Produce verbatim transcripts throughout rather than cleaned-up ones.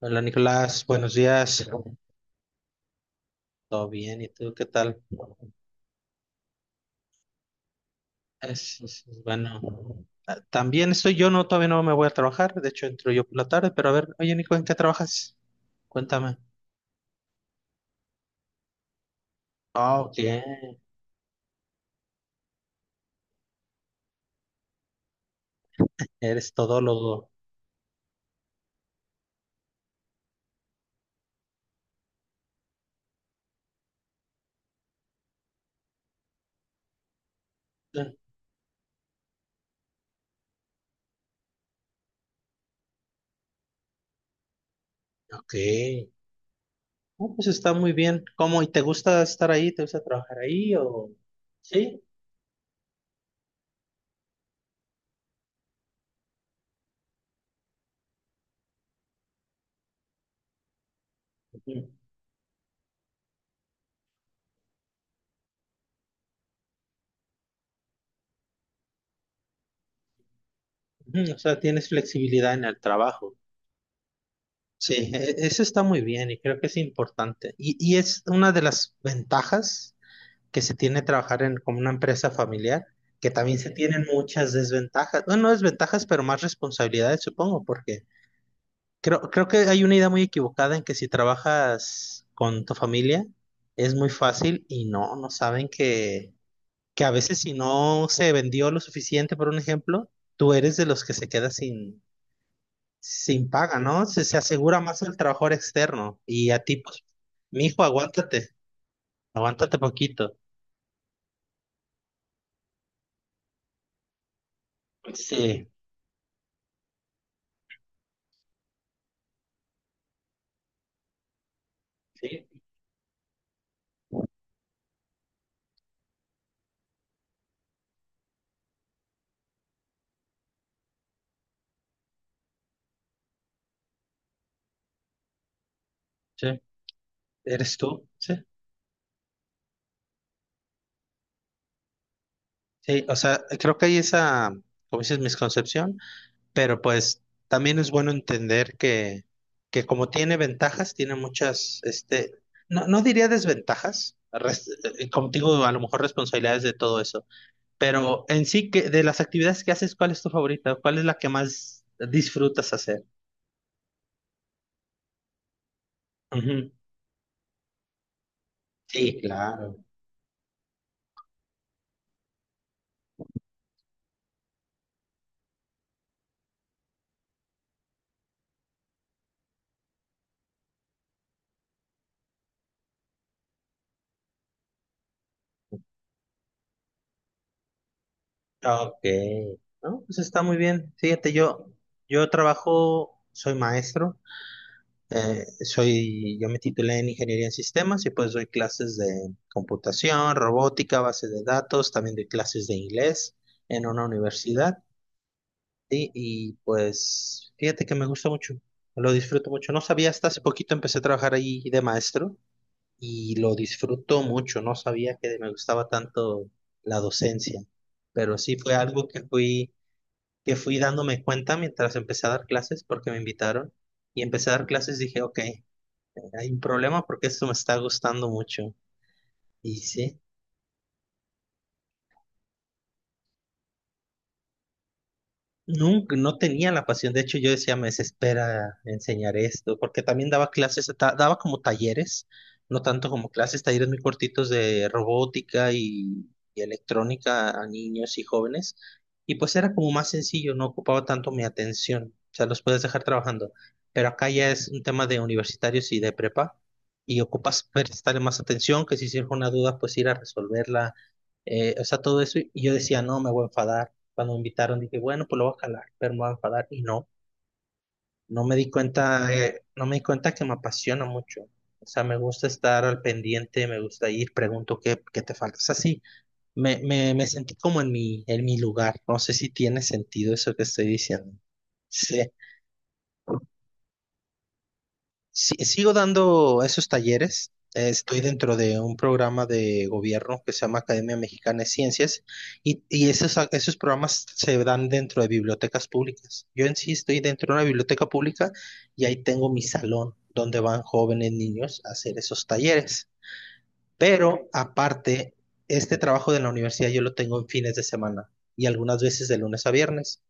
Hola Nicolás, buenos días. ¿Todo bien? ¿Y tú qué tal? Es, es- es bueno. Ah, también estoy yo, no, todavía no me voy a trabajar. De hecho, entro yo por la tarde, pero a ver, oye Nico, ¿en qué trabajas? Cuéntame. Ah, ok. Eres todólogo. Ah, ok. Ah, pues está muy bien. ¿Cómo? ¿Y te gusta estar ahí? ¿Te gusta trabajar ahí o...? Sí. Ujú. Ujú, o sea, tienes flexibilidad en el trabajo. Sí, e- e, eso está muy bien y creo que es importante. Y, y es una de las ventajas que se tiene trabajar en, como una empresa familiar, que también se tienen muchas desventajas, bueno, no desventajas, pero más responsabilidades, supongo, porque creo, creo que hay una idea muy equivocada en que si trabajas con tu familia es muy fácil y no, no saben que, que a veces si no se vendió lo suficiente, por un ejemplo, tú eres de los que se queda sin, sin paga, ¿no? Se, se asegura más el trabajador externo y a ti, pues, mijo, aguántate, aguántate poquito. Sí, sí. Sí. ¿Eres tú? Sí. Sí, o sea, creo que hay esa, como dices, misconcepción, pero pues también es bueno entender que, que como tiene ventajas, tiene muchas, este, no, no diría desventajas, res- eh, como digo, a lo mejor responsabilidades de todo eso, pero en sí, que de las actividades que haces, ¿cuál es tu favorita? ¿Cuál es la que más disfrutas hacer? Ujú. Sí, claro. Ok. No, pues está muy bien. Fíjate, yo, yo trabajo, soy maestro. Eh, soy, yo me titulé en Ingeniería en Sistemas y pues doy clases de computación, robótica, base de datos, también doy clases de inglés en una universidad y, y pues fíjate que me gusta mucho, lo disfruto mucho. No sabía, hasta hace poquito empecé a trabajar ahí de maestro y lo disfruto mucho, no sabía que me gustaba tanto la docencia, pero sí fue algo que fui, que fui dándome cuenta mientras empecé a dar clases porque me invitaron y empecé a dar clases, dije, ok, hay un problema porque esto me está gustando mucho. Y sí, nunca, no tenía la pasión. De hecho, yo decía, me desespera enseñar esto, porque también daba clases, ta- daba como talleres, no tanto como clases, talleres muy cortitos de robótica y, y electrónica a niños y jóvenes. Y pues era como más sencillo, no ocupaba tanto mi atención. O sea, los puedes dejar trabajando. Pero acá ya es un tema de universitarios y de prepa, y ocupas prestarle más atención, que si surge una duda, pues ir a resolverla. Eh, o sea, todo eso. Y yo decía, no, me voy a enfadar cuando me invitaron dije, bueno, pues lo voy a jalar, pero me voy a enfadar. Y no, no me di cuenta, eh, no me di cuenta que me apasiona mucho. O sea, me gusta estar al pendiente, me gusta ir, pregunto qué, qué te falta. O sea, sí, me, me, me sentí como en mi, en mi lugar. No sé si tiene sentido eso que estoy diciendo. Sí, sí, sigo dando esos talleres. Eh, Estoy dentro de un programa de gobierno que se llama Academia Mexicana de Ciencias y, y esos, a- esos programas se dan dentro de bibliotecas públicas. Yo en sí estoy dentro de una biblioteca pública y ahí tengo mi salón donde van jóvenes niños a hacer esos talleres. Pero aparte, este trabajo de la universidad yo lo tengo en fines de semana y algunas veces de lunes a viernes.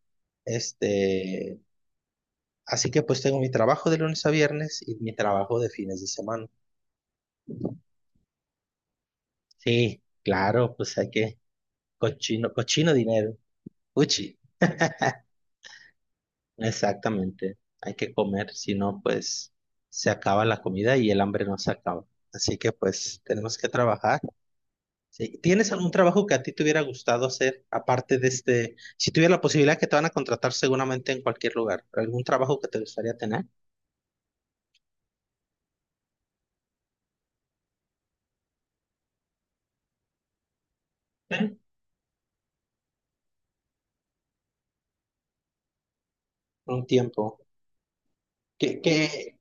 Este, así que pues tengo mi trabajo de lunes a viernes y mi trabajo de fines de semana. Sí, claro, pues hay que, cochino, cochino dinero, uchi, exactamente, hay que comer, si no, pues se acaba la comida y el hambre no se acaba. Así que pues tenemos que trabajar. Sí. ¿Tienes algún trabajo que a ti te hubiera gustado hacer, aparte de este, si tuviera la posibilidad que te van a contratar seguramente en cualquier lugar, algún trabajo que te gustaría tener por un tiempo? ¿Qué, qué?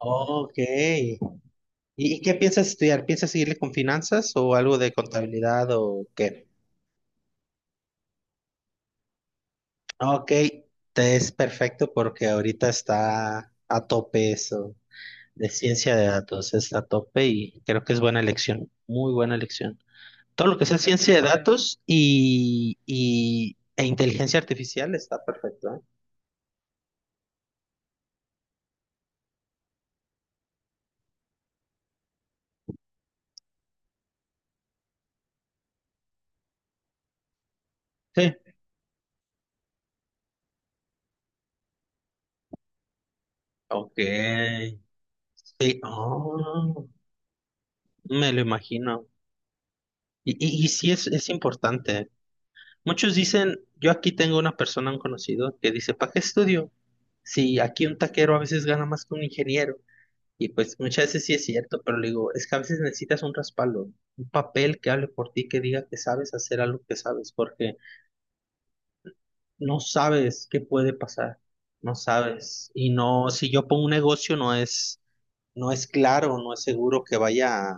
Ok. ¿Y, y qué piensas estudiar? ¿Piensas seguirle con finanzas o algo de contabilidad o qué? Ok, te es perfecto porque ahorita está a tope eso de ciencia de datos, está a tope y creo que es buena elección, muy buena elección. Todo lo que sea ciencia de datos y, y- e inteligencia artificial está perfecto, ¿eh? Sí. Ok. Y- Oh, me lo imagino. Y, y, y sí es, es importante. Muchos dicen, yo aquí tengo una persona, un conocido, que dice, ¿para qué estudio? Si aquí un taquero a veces gana más que un ingeniero. Y pues muchas veces sí es cierto, pero le digo, es que a veces necesitas un respaldo, un papel que hable por ti, que diga que sabes hacer algo que sabes, porque no sabes qué puede pasar, no sabes. Y no, si yo pongo un negocio, no es, no es claro, no es seguro que vaya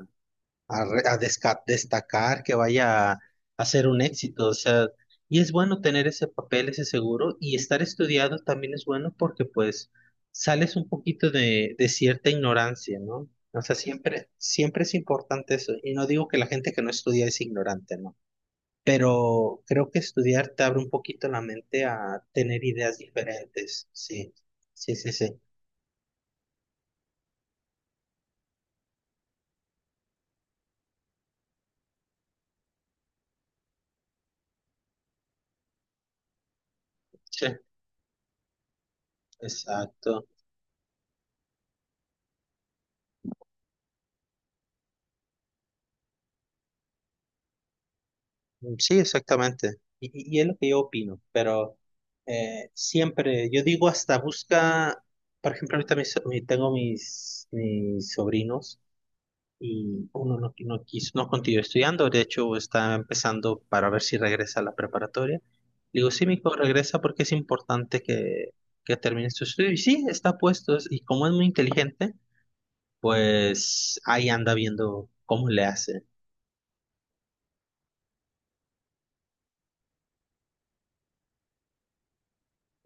a, re- a desca- destacar, que vaya a, a ser un éxito. O sea, y es bueno tener ese papel, ese seguro, y estar estudiado también es bueno porque pues sales un poquito de, de cierta ignorancia, ¿no? O sea, siempre, siempre es importante eso. Y no digo que la gente que no estudia es ignorante, ¿no? Pero creo que estudiar te abre un poquito la mente a tener ideas diferentes. Sí, sí, sí, sí. Sí, exacto. Mm, sí, exactamente. Y, y- y es lo que yo opino, pero eh, siempre, yo digo hasta busca, por ejemplo, ahorita mis- mi- tengo mis, mis sobrinos y uno no, no quiso, no continuó estudiando, de hecho está empezando para ver si regresa a la preparatoria. Le digo, sí, mi hijo regresa porque es importante que, que termine su estudio. Y sí, está puesto, es- y como es muy inteligente, pues ahí anda viendo cómo le hace.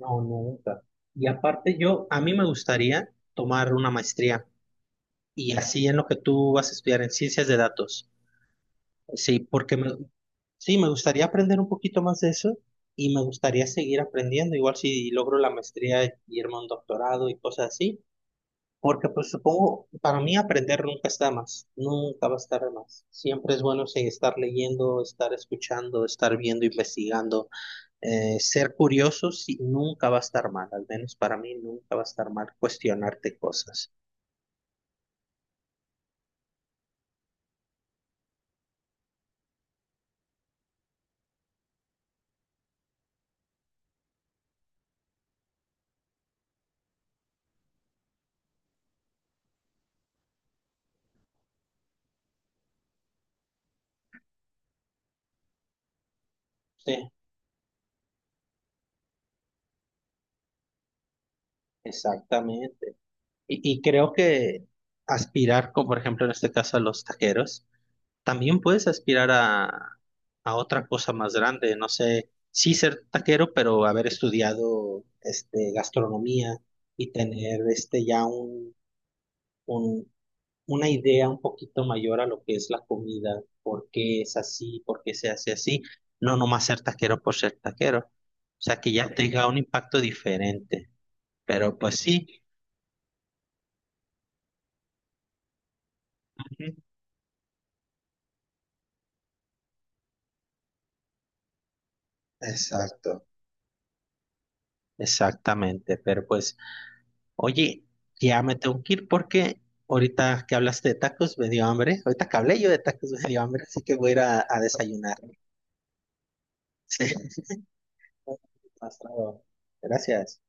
No, nunca. Y aparte yo, a mí me gustaría tomar una maestría y así en lo que tú vas a estudiar en ciencias de datos. Sí, porque me, sí, me gustaría aprender un poquito más de eso y me gustaría seguir aprendiendo, igual si logro la maestría y irme a un doctorado y cosas así, porque pues supongo, para mí aprender nunca está de más, nunca va a estar de más. Siempre es bueno sí, estar leyendo, estar escuchando, estar viendo, investigando eh, ser curioso sí, nunca va a estar mal, al menos para mí nunca va a estar mal cuestionarte cosas. Sí, exactamente. Y, y creo que aspirar, como por ejemplo en este caso a los taqueros, también puedes aspirar a, a otra cosa más grande, no sé, sí ser taquero, pero haber estudiado este, gastronomía y tener este, ya un, un, una idea un poquito mayor a lo que es la comida, por qué es así, por qué se hace así, no nomás ser taquero por ser taquero, o sea, que ya ok. tenga un impacto diferente, pero pues sí, ujú, exacto. Exactamente, pero pues, oye, ya me tengo que ir porque ahorita que hablaste de tacos me dio hambre, ahorita que hablé yo de tacos me dio hambre, así que voy a ir a, a desayunar. Sí. Hasta luego. Gracias.